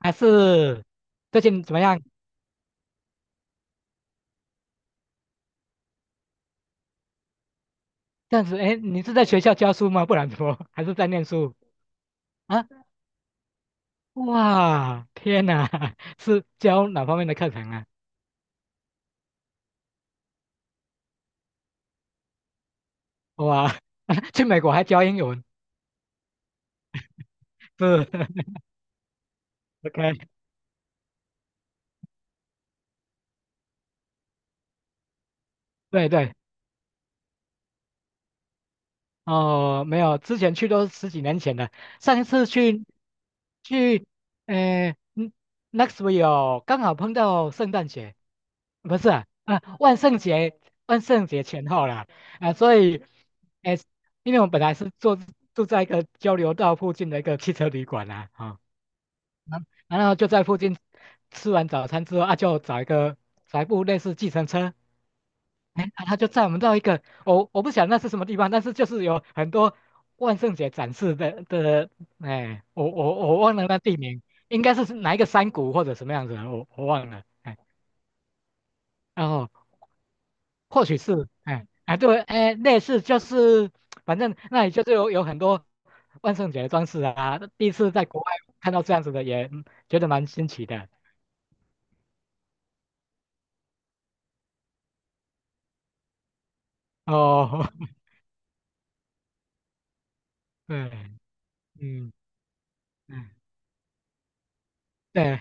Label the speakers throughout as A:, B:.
A: 还是最近怎么样？这样子，哎，你是在学校教书吗？不然怎么还是在念书啊？哇，天哪，是教哪方面的课程啊？哇，去美国还教英文，是 ，OK，对对，哦，没有，之前去都十几年前了。上一次去去，呃嗯 n e x v i e l e 刚好碰到圣诞节。不是啊，啊万圣节，万圣节前后啦，啊，所以，哎，因为我们本来是住在一个交流道附近的一个汽车旅馆啦，啊，然后就在附近吃完早餐之后啊，就找一个找一部类似计程车，哎，啊他就载我们到一个，我不晓得那是什么地方，但是就是有很多万圣节展示的，哎，我忘了那地名，应该是哪一个山谷或者什么样子，我忘了，哎，然后。或许是，哎哎对，哎类似就是，反正那里就是有很多万圣节的装饰啊。第一次在国外看到这样子的也，嗯觉得蛮新奇的。哦，对，嗯嗯，对，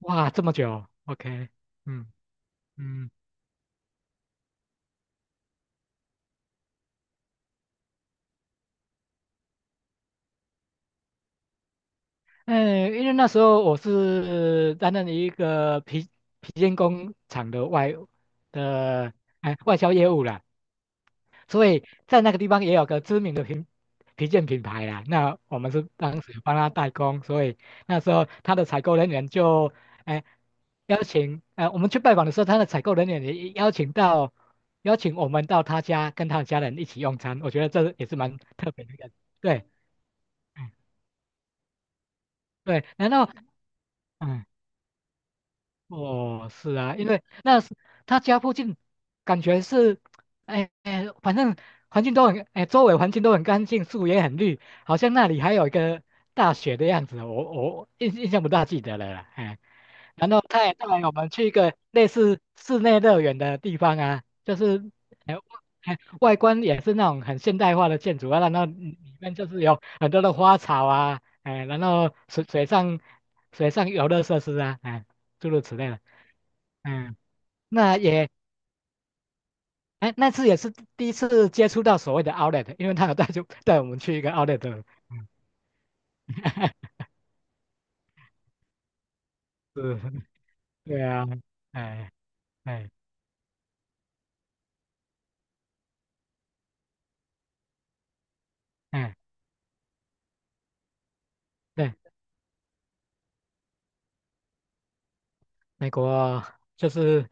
A: 哇，这么久，OK，嗯嗯。嗯，因为那时候我是担任一个皮皮件工厂的外的哎外销业务啦，所以在那个地方也有个知名的皮皮件品牌啦。那我们是当时帮他代工，所以那时候他的采购人员就哎邀请我们去拜访的时候，他的采购人员也邀请到邀请我们到他家跟他的家人一起用餐，我觉得这也是蛮特别的一个对。嗯对，然后嗯哦，是啊，因为那是他家附近，感觉是，哎哎，反正环境都很，哎，周围环境都很干净，树也很绿，好像那里还有一个大学的样子，我印象不大记得了啦，哎，然后他也带我们去一个类似室内乐园的地方啊，就是，哎哎，外观也是那种很现代化的建筑啊，然后里面就是有很多的花草啊，哎，然后水上游乐设施啊，哎，诸如此类的。嗯，那也，哎，那次也是第一次接触到所谓的 outlet,因为他有带就带我们去一个 outlet,嗯 是，对啊，哎哎哎，对，美国就是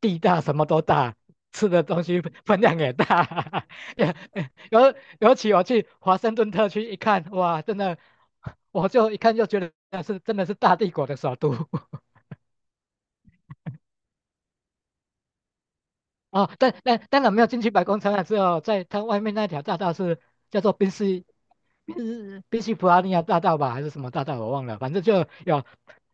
A: 地大什么都大，吃的东西分量也大，也哎尤尤其我去华盛顿特区一看，哇，真的，我就一看就觉得那是真的是大帝国的首都，哦，但当然没有进去白宫参观，只有在它外面那条大道是叫做宾夕宾夕普拉尼亚大道吧，还是什么大道我忘了，反正就有，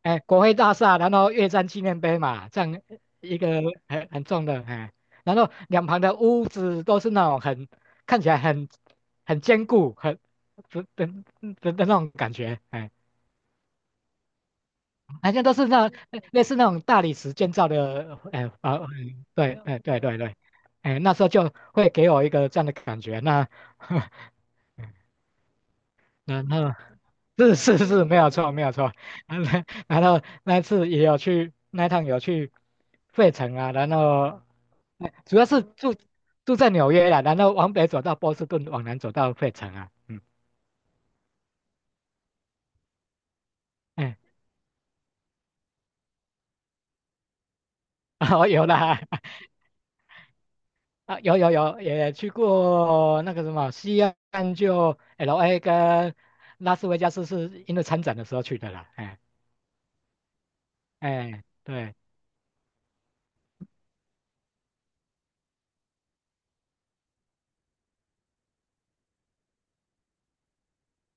A: 哎，国会大厦，然后越战纪念碑嘛，这样一个很重的，哎，然后两旁的屋子都是那种很看起来很坚固、很的的的的那种感觉，哎。好像都是那 类似那种大理石建造的，呃哎啊，嗯对，哎对对对，哎那时候就会给我一个这样的感觉，那 然后是是是没有错没有错，然后那一次也有去那一趟有去费城啊，然后哎主要是住在纽约啦，然后往北走到波士顿，往南走到费城啊，嗯哎 啊、有啦，啊，有有有，也去过那个什么西岸，就 LA 跟拉斯维加斯，是因为参展的时候去的啦。哎哎，对，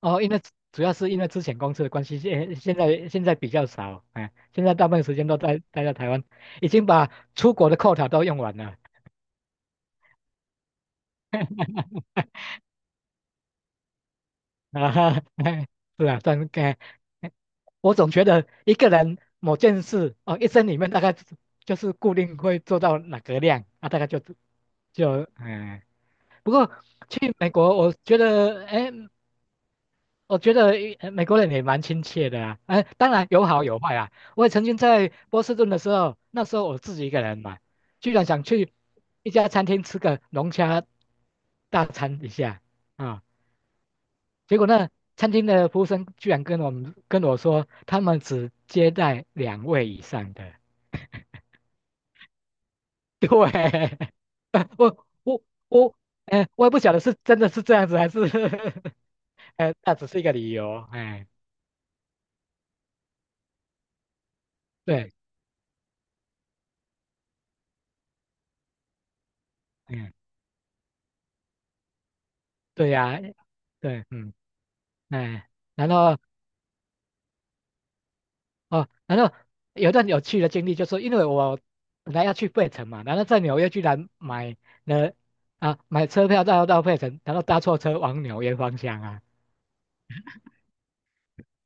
A: 哦，因为主要是因为之前公司的关系，现在比较少，哎，现在大部分时间都待在台湾，已经把出国的 quota 都用完了。啊哈，哎，是啊，但哎，哎我总觉得一个人某件事哦，一生里面大概就是固定会做到哪个量啊，大概就就嗯。哎不过去美国，我觉得，哎，我觉得美国人也蛮亲切的啊。哎，当然有好有坏啊。我也曾经在波士顿的时候，那时候我自己一个人嘛，居然想去一家餐厅吃个龙虾大餐一下啊。结果那餐厅的服务生居然跟我们跟我说，他们只接待两位以上的。对，我我我，哎，我也不晓得是真的是这样子还是 哎，那只是一个理由，哎，对，嗯，对呀、对，嗯，哎，然后哦，然后有一段有趣的经历，就是因为我本来要去费城嘛，然后在纽约居然买了啊买车票到费城，然后搭错车往纽约方向啊。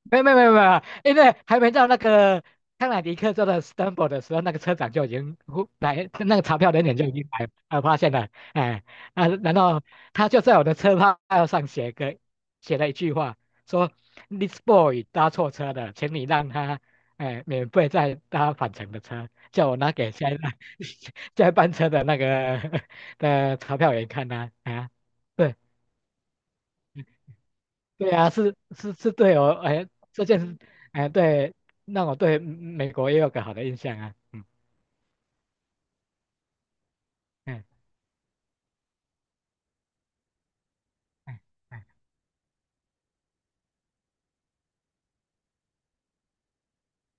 A: 没有没有没有没有，因为还没到那个康乃狄克州的 s t a m f o r 的时候，那个车长就已经呼来，那个查票人员就已经来发现了，哎啊，然后他就在我的车票上写个写了一句话，说 This boy 搭错车了，请你让他哎免费再搭返程的车，叫我拿给下一班 下一班车的那个 的查票员看呐啊，对，对啊，是是是对哦，哎这件事哎对，让我对美国也有个好的印象啊，嗯嗯嗯嗯，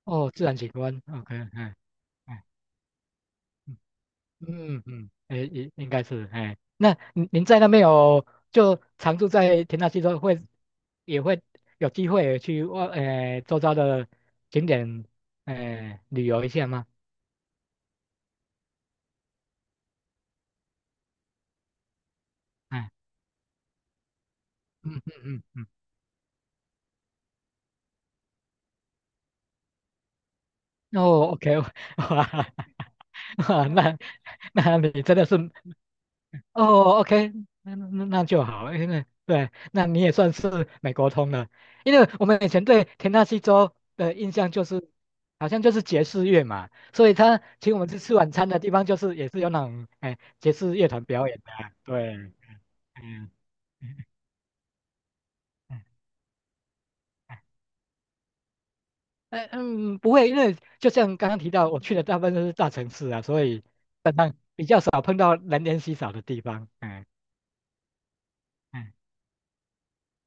A: 哦，自然景观，OK,嗯嗯嗯嗯，哎应该是哎，那您您在那边有就常住在田纳西州会也会有机会去外哎周遭的景点哎旅游一下吗？哎嗯嗯嗯嗯，哦，OK,哇。哇，那那你真的是哦，OK,那那那就好，因为对，那你也算是美国通了，因为我们以前对田纳西州的印象就是好像就是爵士乐嘛，所以他请我们去吃晚餐的地方就是也是有那种哎爵士乐团表演的啊对，嗯。嗯呃嗯，不会，因为就像刚刚提到，我去的大部分都是大城市啊，所以基本上比较少碰到人烟稀少的地方。嗯嗯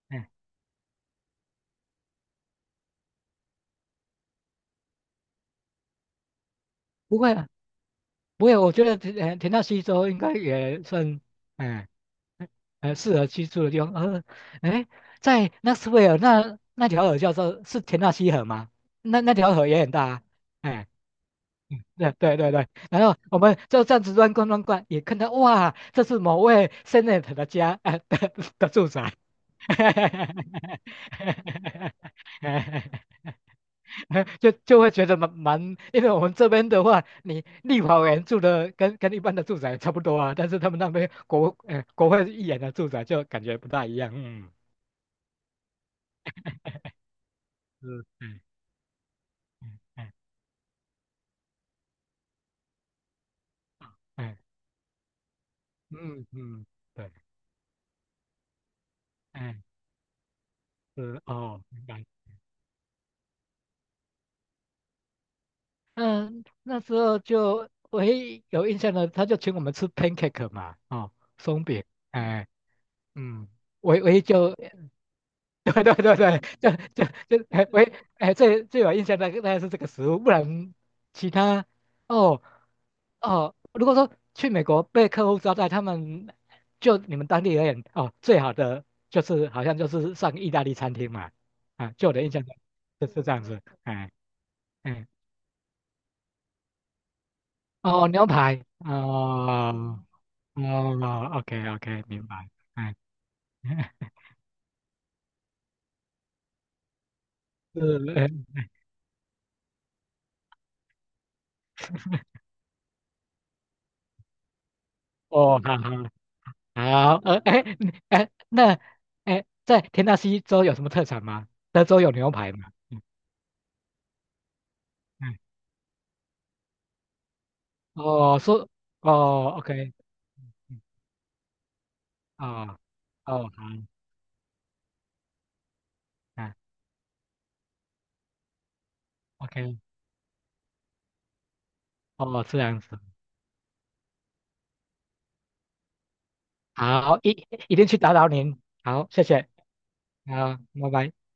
A: 嗯，不会不会，我觉得田田纳西州应该也算，哎、呃，呃，适合居住的地方。呃，哎，在纳斯维尔那那条河叫做是田纳西河吗？那那条河也很大啊。哎、对对对对。然后我们就这样子乱逛乱逛，也看到哇，这是某位 Senator 的家，的住宅。就就会觉得蛮蛮，因为我们这边的话，你立法委员住的跟跟一般的住宅差不多啊，但是他们那边国国会议员的住宅就感觉不大一样，嗯，是，嗯嗯嗯嗯嗯嗯，对，嗯是哦，明白。嗯，那时候就唯一有印象的，他就请我们吃 pancake 嘛，哦，松饼，哎，嗯，唯一就 对对对对，就就就哎喂哎，最最有印象的大概是这个食物，不然其他哦哦，如果说去美国被客户招待，他们就你们当地而言哦，最好的就是好像就是上意大利餐厅嘛，啊，就我的印象中就是这样子，哎哎哦牛排哦哦，OK OK 明白，哎 是哎哦好好。好，呃，哎，嗯哎，那，哎，在田纳西州有什么特产吗？德州有牛排吗？嗯嗯，哦，说，哦，OK,嗯嗯哦，哦，好，啊，OK,哦，这样子，好，一一定去打扰您，好，谢谢，好，拜拜。